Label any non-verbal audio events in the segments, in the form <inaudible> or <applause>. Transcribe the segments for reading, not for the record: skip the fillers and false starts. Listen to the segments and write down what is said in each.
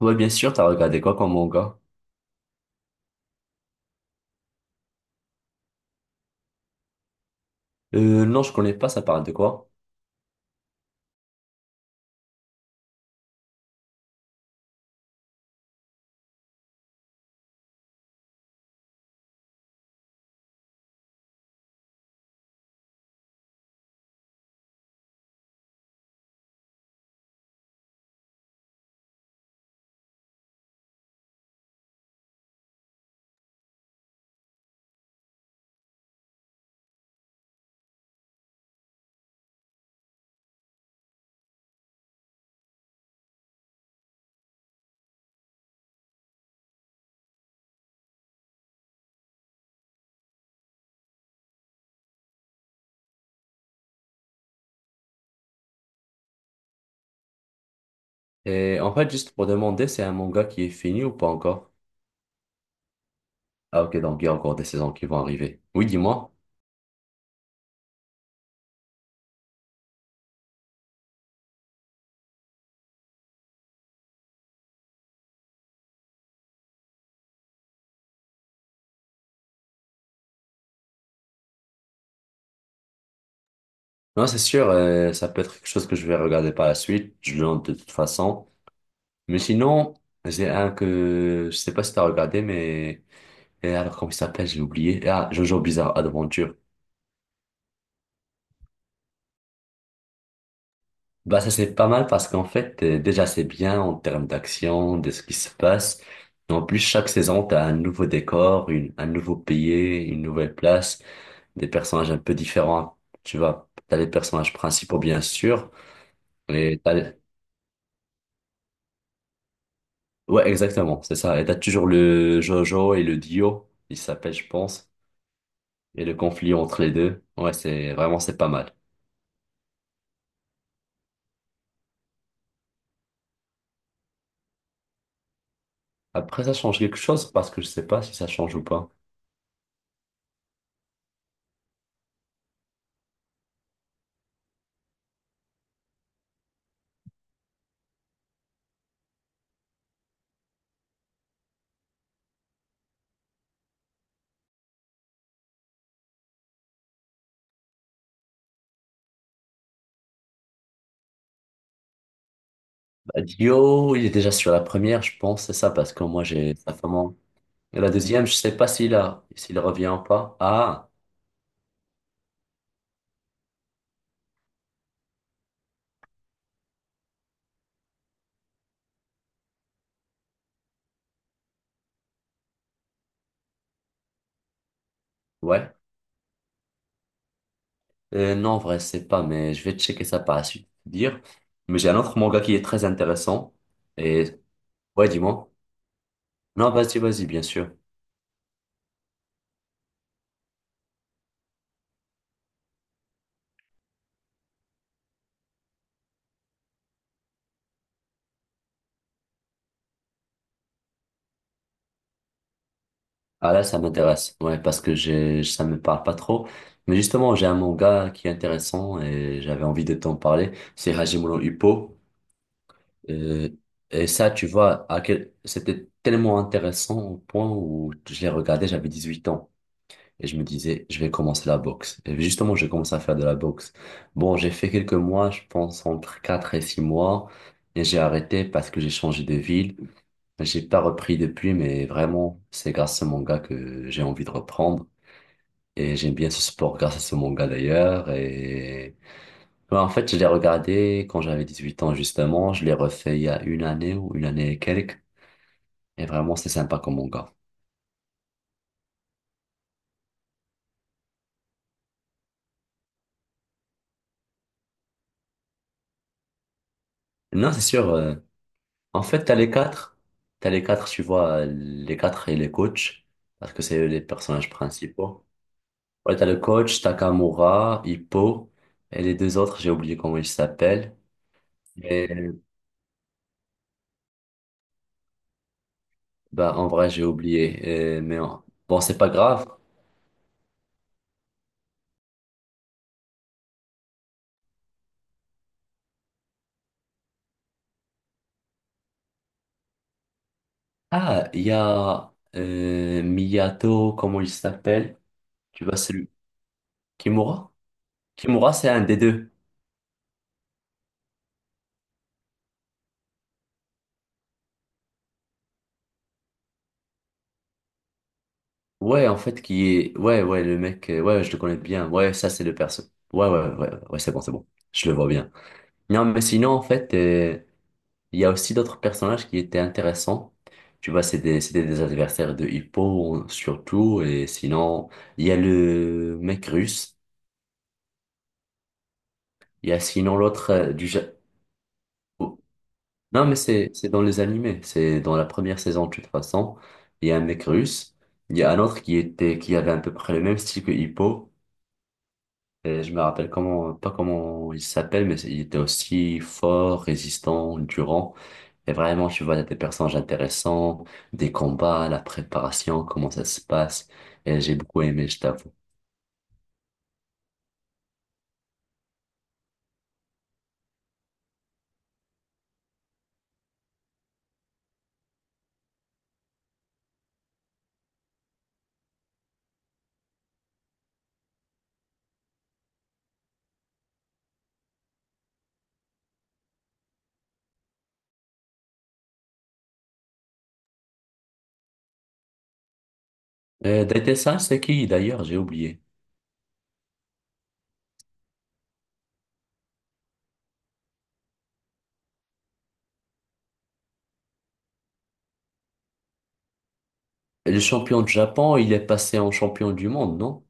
Ouais, bien sûr, t'as regardé quoi comme manga? Non, je connais pas, ça parle de quoi? Et en fait, juste pour demander, c'est un manga qui est fini ou pas encore? Ah, ok, donc il y a encore des saisons qui vont arriver. Oui, dis-moi. Non, c'est sûr, ça peut être quelque chose que je vais regarder par la suite, je le note de toute façon. Mais sinon, j'ai un que je sais pas si t'as regardé, mais. Et alors, comment il s'appelle? J'ai oublié. Ah, Jojo Bizarre Adventure. Bah ça c'est pas mal parce qu'en fait déjà c'est bien en termes d'action, de ce qui se passe. En plus chaque saison t'as un nouveau décor, une, un nouveau pays, une nouvelle place, des personnages un peu différents. Tu vois, t'as les personnages principaux bien sûr. Et t'as... Ouais exactement, c'est ça. Et t'as toujours le Jojo et le Dio, il s'appelle je pense, et le conflit entre les deux. Ouais c'est pas mal. Après ça change quelque chose parce que je sais pas si ça change ou pas. Dio, il est déjà sur la première, je pense, c'est ça, parce que moi, j'ai sa femme. Et la deuxième, je sais pas s'il revient ou pas. Ah, ouais. Non, en vrai, je sais pas, mais je vais checker ça par la suite, te dire. Mais j'ai un autre manga qui est très intéressant. Et, ouais, dis-moi. Non, vas-y, vas-y, bien sûr. Ah là, ça m'intéresse. Ouais, parce que j'ai, ça me parle pas trop. Mais justement, j'ai un manga qui est intéressant et j'avais envie de t'en parler. C'est Hajime no Ippo. Euh, et ça, tu vois, c'était tellement intéressant au point où je l'ai regardé, j'avais 18 ans. Et je me disais, je vais commencer la boxe. Et justement, j'ai commencé à faire de la boxe. Bon, j'ai fait quelques mois, je pense entre 4 et 6 mois. Et j'ai arrêté parce que j'ai changé de ville. J'ai pas repris depuis, mais vraiment, c'est grâce à ce manga que j'ai envie de reprendre. Et j'aime bien ce sport grâce à ce manga d'ailleurs. Et ouais, en fait, je l'ai regardé quand j'avais 18 ans, justement. Je l'ai refait il y a une année ou une année et quelques. Et vraiment, c'est sympa comme manga. Non, c'est sûr. En fait, t'as les quatre. T'as les quatre, tu vois, les quatre et les coachs. Parce que c'est eux les personnages principaux. Ouais, t'as le coach, Takamura, Hippo. Et les deux autres, j'ai oublié comment ils s'appellent. Et bah, en vrai, j'ai oublié. Bon, c'est pas grave. Ah, il y a Miyato, comment il s'appelle? Tu vois, celui. Kimura? Kimura, c'est un des deux. Ouais, en fait, qui est... Ouais, ouais, le mec, ouais, je le connais bien. Ouais, ça, c'est le perso. Ouais, ouais, ouais, ouais, c'est bon, c'est bon. Je le vois bien. Non, mais sinon, en fait, il y a aussi d'autres personnages qui étaient intéressants. Tu vois, c'était des adversaires de Hippo, surtout. Et sinon, il y a le mec russe. Il y a sinon l'autre oh. Non, mais c'est dans les animés. C'est dans la première saison, de toute façon. Il y a un mec russe. Il y a un autre qui avait à peu près le même style que Hippo. Et je me rappelle comment, pas comment il s'appelle, mais il était aussi fort, résistant, durant. Et vraiment, tu vois, il y a des personnages intéressants, des combats, la préparation, comment ça se passe. Et j'ai beaucoup aimé, je t'avoue. Et Daite-san, c'est qui d'ailleurs? J'ai oublié. Et le champion du Japon, il est passé en champion du monde, non?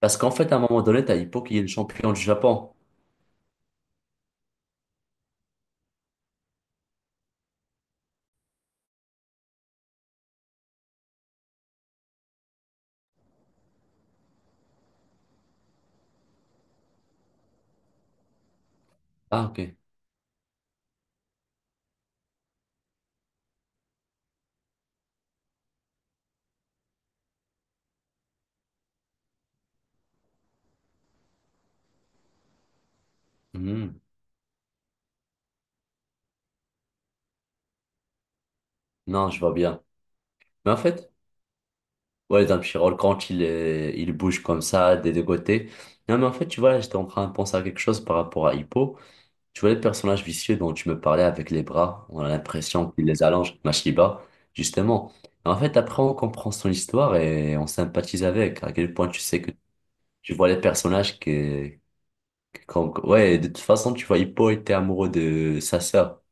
Parce qu'en fait, à un moment donné, t'as Hippo qui est le champion du Japon. Ah, ok. Hmm. Non, je vois bien. Mais en fait, ouais, d'un petit roll quand il bouge comme ça des deux côtés. Non, mais en fait, tu vois, j'étais en train de penser à quelque chose par rapport à Hippo. Tu vois, les personnages vicieux dont tu me parlais avec les bras, on a l'impression qu'il les allonge, Mashiba, justement. Et en fait, après, on comprend son histoire et on sympathise avec. À quel point tu sais que tu vois les personnages ouais, de toute façon, tu vois, Hippo était amoureux de sa sœur.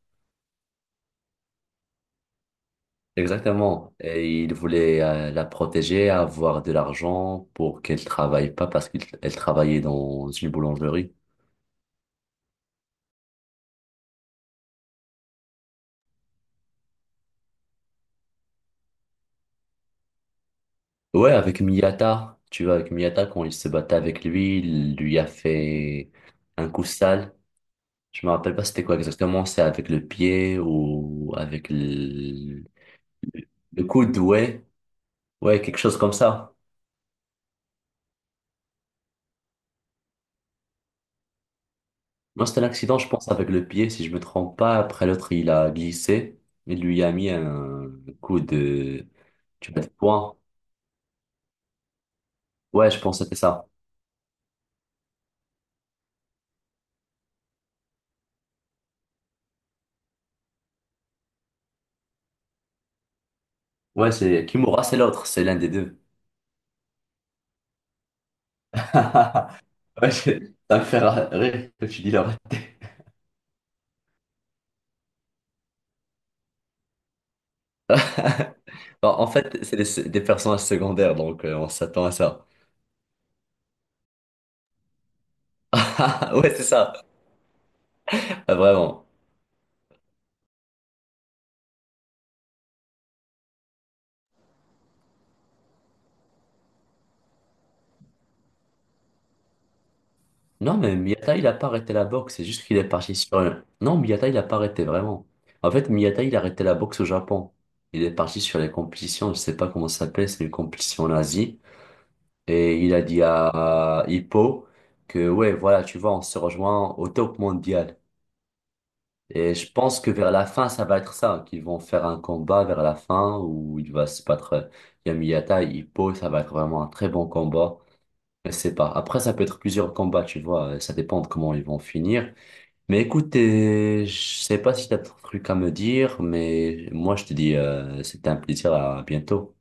Exactement. Et il voulait la protéger, avoir de l'argent pour qu'elle travaille pas parce qu'elle travaillait dans une boulangerie. Ouais, avec Miyata. Tu vois, avec Miyata, quand il se battait avec lui, il lui a fait un coup sale. Je me rappelle pas c'était quoi exactement. C'est avec le pied ou avec le coude, ouais. Ouais, quelque chose comme ça. Non, c'était l'accident, je pense, avec le pied, si je me trompe pas. Après, l'autre, il a glissé. Il lui a mis un coup de... Tu vois, de poing. Ouais, je pense que c'était ça. Ouais, c'est... Kimura, c'est l'autre. C'est l'un des deux. <laughs> Ouais, je- ça me fait rire que tu dis là. <laughs> Bon, en fait, des personnages secondaires, donc on s'attend à ça. <laughs> Ouais, c'est ça. Ah, vraiment. Non, mais Miyata, il a pas arrêté la boxe, c'est juste qu'il est parti sur un... Non, Miyata, il a pas arrêté vraiment. En fait, Miyata, il a arrêté la boxe au Japon. Il est parti sur les compétitions, je sais pas comment ça s'appelle, c'est une compétition en Asie. Et il a dit à Hippo que, ouais, voilà, tu vois, on se rejoint au top mondial. Et je pense que vers la fin, ça va être ça, qu'ils vont faire un combat vers la fin où il va se battre il y a Miyata et Hippo, ça va être vraiment un très bon combat. Je sais pas. Après, ça peut être plusieurs combats, tu vois, ça dépend de comment ils vont finir. Mais écoute, je sais pas si tu as un truc à me dire, mais moi je te dis, c'était un plaisir, à bientôt.